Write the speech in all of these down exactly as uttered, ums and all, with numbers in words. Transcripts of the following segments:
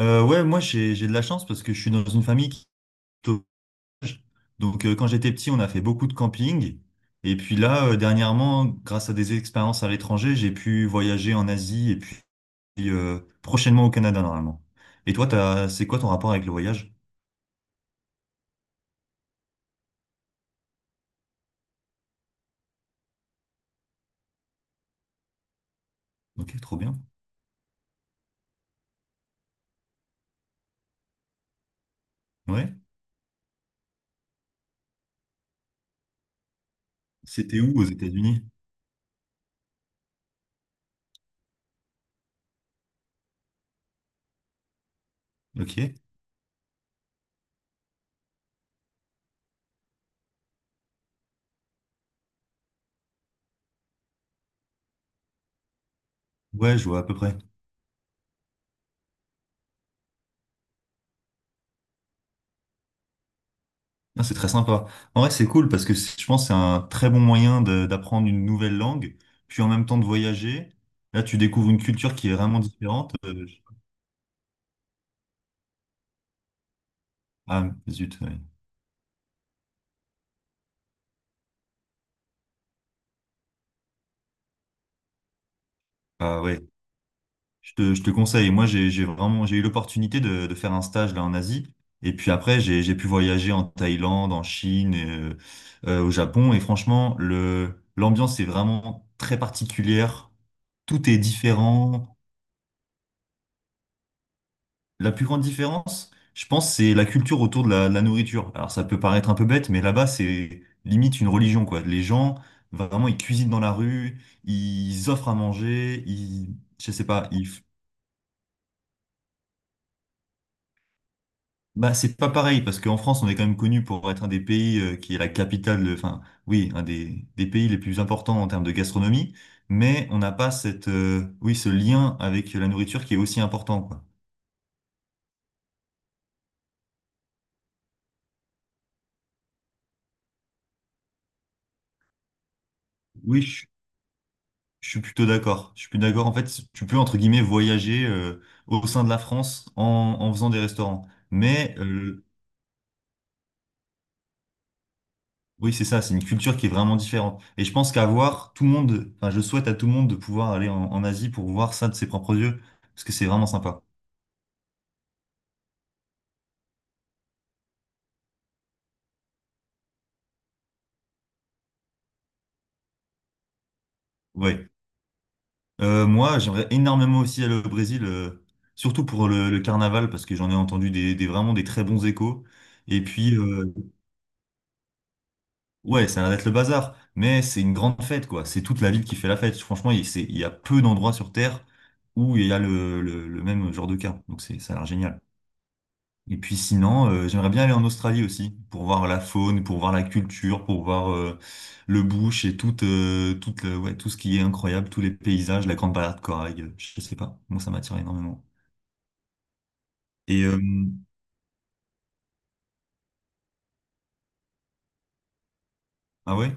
Euh, ouais, moi j'ai j'ai de la chance parce que je suis dans une famille qui est au village. Donc euh, quand j'étais petit, on a fait beaucoup de camping. Et puis là, euh, dernièrement, grâce à des expériences à l'étranger, j'ai pu voyager en Asie et puis puis, euh, prochainement au Canada normalement. Et toi, t'as, c'est quoi ton rapport avec le voyage? Ok, trop bien. Ouais. C'était où aux États-Unis? Ok. Ouais, je vois à peu près. Ah, c'est très sympa. En vrai, c'est cool parce que c'est- je pense que c'est un très bon moyen de- d'apprendre une nouvelle langue, puis en même temps de voyager. Là, tu découvres une culture qui est vraiment différente. Euh, je- Ah, zut. Ouais. Ah ouais, je te, je te conseille. Moi, j'ai, j'ai vraiment, j'ai eu l'opportunité de, de faire un stage là en Asie. Et puis après, j'ai, j'ai pu voyager en Thaïlande, en Chine, euh, euh, au Japon. Et franchement, le, l'ambiance est vraiment très particulière. Tout est différent. La plus grande différence, je pense, c'est la culture autour de la, la nourriture. Alors ça peut paraître un peu bête, mais là-bas, c'est limite une religion, quoi. Les gens, vraiment, ils cuisinent dans la rue, ils offrent à manger, ils, je sais pas, ils, f- bah, c'est pas pareil, parce qu'en France, on est quand même connu pour être un des pays euh, qui est la capitale, de- enfin, oui, un des, des pays les plus importants en termes de gastronomie, mais on n'a pas cette, euh, oui, ce lien avec la nourriture qui est aussi important, quoi. Oui, je suis plutôt d'accord. Je suis plus d'accord. En fait, tu peux, entre guillemets, voyager euh, au sein de la France en, en faisant des restaurants. Mais euh, oui, c'est ça, c'est une culture qui est vraiment différente. Et je pense qu'à voir tout le monde, enfin, je souhaite à tout le monde de pouvoir aller en, en Asie pour voir ça de ses propres yeux, parce que c'est vraiment sympa. Ouais. Euh, moi, j'aimerais énormément aussi aller au Brésil, euh, surtout pour le, le carnaval, parce que j'en ai entendu des, des- vraiment des très bons échos. Et puis, euh, Ouais, ça arrête le bazar, mais c'est une grande fête, quoi. C'est toute la ville qui fait la fête. Franchement, il c'est- il y a peu d'endroits sur Terre où il y a le, le- le même genre de cas. Donc c'est, ça a l'air génial. Et puis sinon, euh, j'aimerais bien aller en Australie aussi, pour voir la faune, pour voir la culture, pour voir euh, le bush et tout, euh, toute le- ouais, tout ce qui est incroyable, tous les paysages, la grande balade de corail, euh, je sais pas. Moi, ça m'attire énormément. Et euh, ah ouais?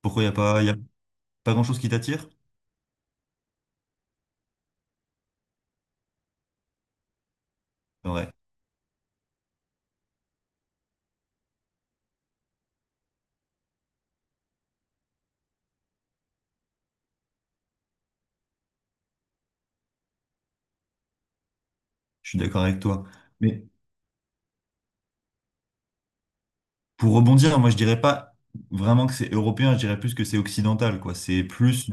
Pourquoi il n'y a pas, il y a pas grand-chose qui t'attire? Ouais, je suis d'accord avec toi. Mais pour rebondir, moi je dirais pas vraiment que c'est européen, je dirais plus que c'est occidental, quoi. C'est plus,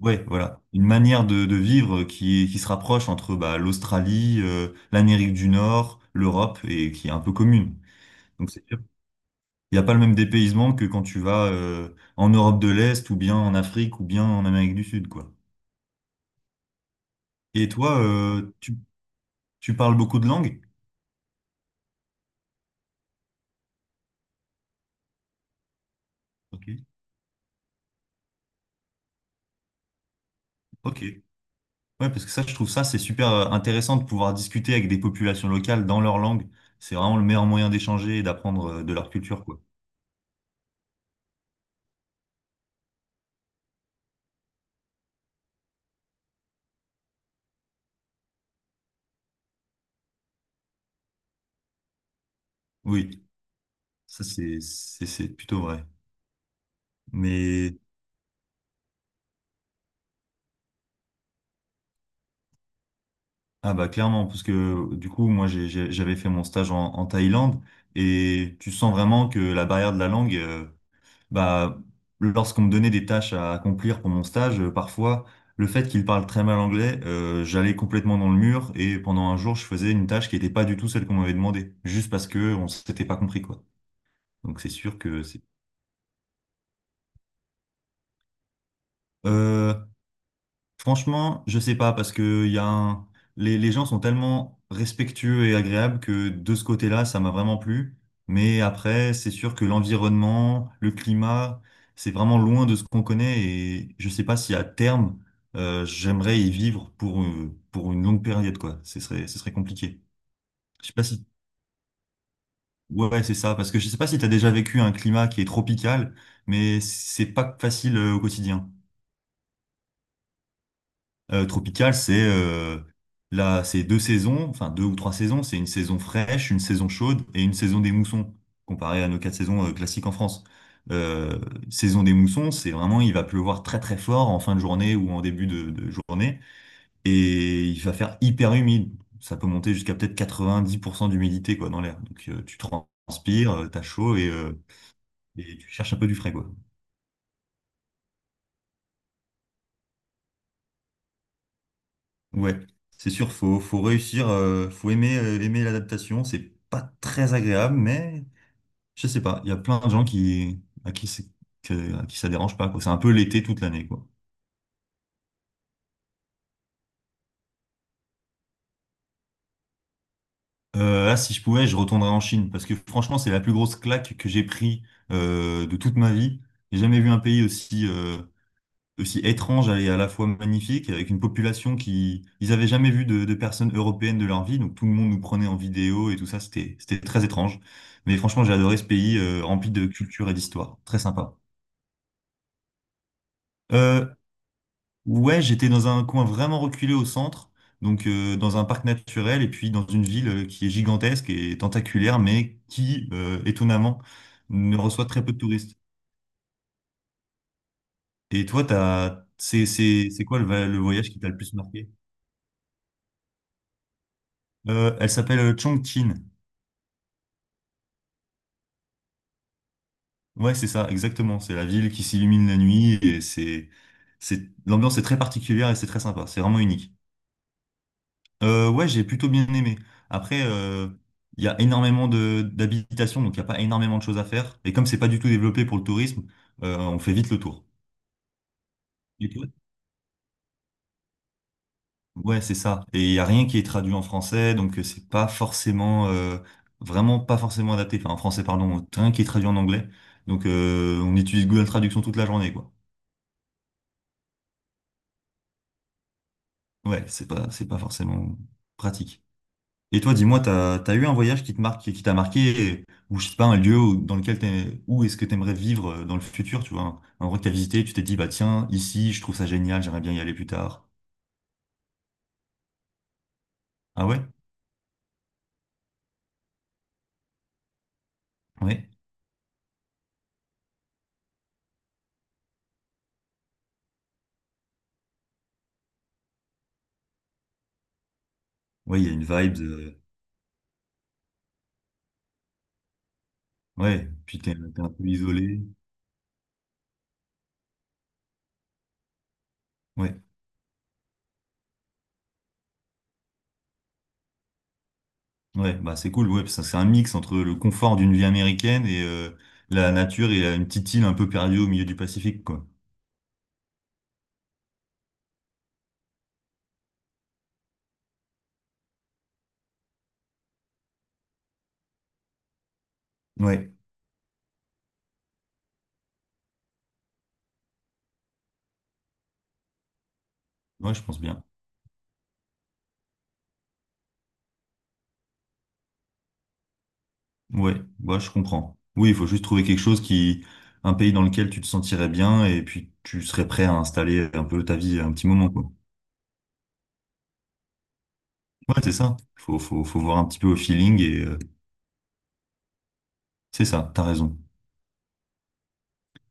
ouais, voilà, une manière de, de vivre qui, qui se rapproche entre bah, l'Australie, euh, l'Amérique du Nord, l'Europe et qui est un peu commune. Donc c'est sûr, il n'y a pas le même dépaysement que quand tu vas euh, en Europe de l'Est ou bien en Afrique ou bien en Amérique du Sud, quoi. Et toi, euh, tu, tu parles beaucoup de langues? Ok. Ok. Ouais, parce que ça, je trouve ça, c'est super euh, intéressant de pouvoir discuter avec des populations locales dans leur langue. C'est vraiment le meilleur moyen d'échanger et d'apprendre euh, de leur culture, quoi. Oui, ça, c'est, c'est, c'est plutôt vrai. Mais, ah bah, clairement, parce que du coup, moi, j'ai, j'ai- j'avais fait mon stage en, en Thaïlande et tu sens vraiment que la barrière de la langue, euh, bah, lorsqu'on me donnait des tâches à accomplir pour mon stage, euh, parfois, le fait qu'il parle très mal anglais, euh, j'allais complètement dans le mur et pendant un jour, je faisais une tâche qui n'était pas du tout celle qu'on m'avait demandé, juste parce que on s'était pas compris, quoi. Donc c'est sûr que c'est. Euh, Franchement, je sais pas parce que y a un- les, les gens sont tellement respectueux et agréables que de ce côté-là, ça m'a vraiment plu. Mais après, c'est sûr que l'environnement, le climat, c'est vraiment loin de ce qu'on connaît et je sais pas si à terme, euh, j'aimerais y vivre pour, euh, pour une longue période, quoi. Ce serait, ce serait compliqué. Je sais pas si, ouais, ouais, c'est ça parce que je sais pas si tu as déjà vécu un climat qui est tropical, mais c'est pas facile euh, au quotidien. Euh, tropical, c'est euh, là, c'est deux saisons, enfin deux ou trois saisons. C'est une saison fraîche, une saison chaude et une saison des moussons, comparé à nos quatre saisons euh, classiques en France. Euh, Saison des moussons, c'est vraiment, il va pleuvoir très très fort en fin de journée ou en début de, de journée et il va faire hyper humide. Ça peut monter jusqu'à peut-être quatre quatre-vingt-dix pour cent d'humidité quoi dans l'air. Donc euh, tu transpires, euh, t'as chaud et, euh, et tu cherches un peu du frais quoi. Ouais, c'est sûr, faut, faut réussir, euh, faut aimer, euh, aimer l'adaptation. C'est pas très agréable, mais je sais pas, il y a plein de gens qui, à qui c'est, que- à qui ça dérange pas, quoi. C'est un peu l'été toute l'année, quoi. Euh, là, si je pouvais, je retournerais en Chine, parce que franchement, c'est la plus grosse claque que j'ai pris euh, de toute ma vie. J'ai jamais vu un pays aussi, euh, aussi étrange et à la fois magnifique, avec une population qui, ils avaient jamais vu de, de personnes européennes de leur vie, donc tout le monde nous prenait en vidéo et tout ça, c'était, c'était très étrange. Mais franchement, j'ai adoré ce pays euh, rempli de culture et d'histoire, très sympa. Euh, ouais, j'étais dans un coin vraiment reculé au centre, donc euh, dans un parc naturel et puis dans une ville euh, qui est gigantesque et tentaculaire, mais qui, euh, étonnamment, ne reçoit très peu de touristes. Et toi, t'as, c'est, c'est, c'est quoi le, va- le voyage qui t'a le plus marqué? Euh, elle s'appelle euh, Chongqing. Ouais, c'est ça, exactement. C'est la ville qui s'illumine la nuit et c'est, c'est, l'ambiance est très particulière et c'est très sympa. C'est vraiment unique. Euh, ouais, j'ai plutôt bien aimé. Après, euh, il y a énormément de d'habitations, donc il n'y a pas énormément de choses à faire. Et comme c'est pas du tout développé pour le tourisme, euh, on fait vite le tour. Et toi ouais, c'est ça. Et il y a rien qui est traduit en français, donc euh, c'est pas forcément, euh, vraiment pas forcément adapté. Enfin, en français, pardon, rien qui est traduit en anglais. Donc, euh, on utilise Google Traduction toute la journée, quoi. Ouais, c'est pas, c'est pas forcément pratique. Et toi, dis-moi, t'as, t'as eu un voyage qui te marque, qui t'a marqué, et- ou je sais pas, un lieu où- dans lequel t'es, où est-ce que t'aimerais vivre euh, dans le futur, tu vois, un un endroit que t'as visité, tu t'es dit, bah tiens, ici, je trouve ça génial, j'aimerais bien y aller plus tard. Ah ouais? Ouais. Ouais, il y a une vibe de... Ouais, puis t'es, t'es un peu isolé. Ouais, ouais, bah c'est cool, ouais, parce que c'est un mix entre le confort d'une vie américaine et euh, la nature et euh, une petite île un peu perdue au milieu du Pacifique, quoi. Ouais, ouais, je pense bien. Ouais, ouais, je comprends. Oui, il faut juste trouver quelque chose qui, un pays dans lequel tu te sentirais bien et puis tu serais prêt à installer un peu ta vie un petit moment, quoi. Ouais, c'est ça. Faut, faut, faut voir un petit peu au feeling et euh, c'est ça, t'as raison.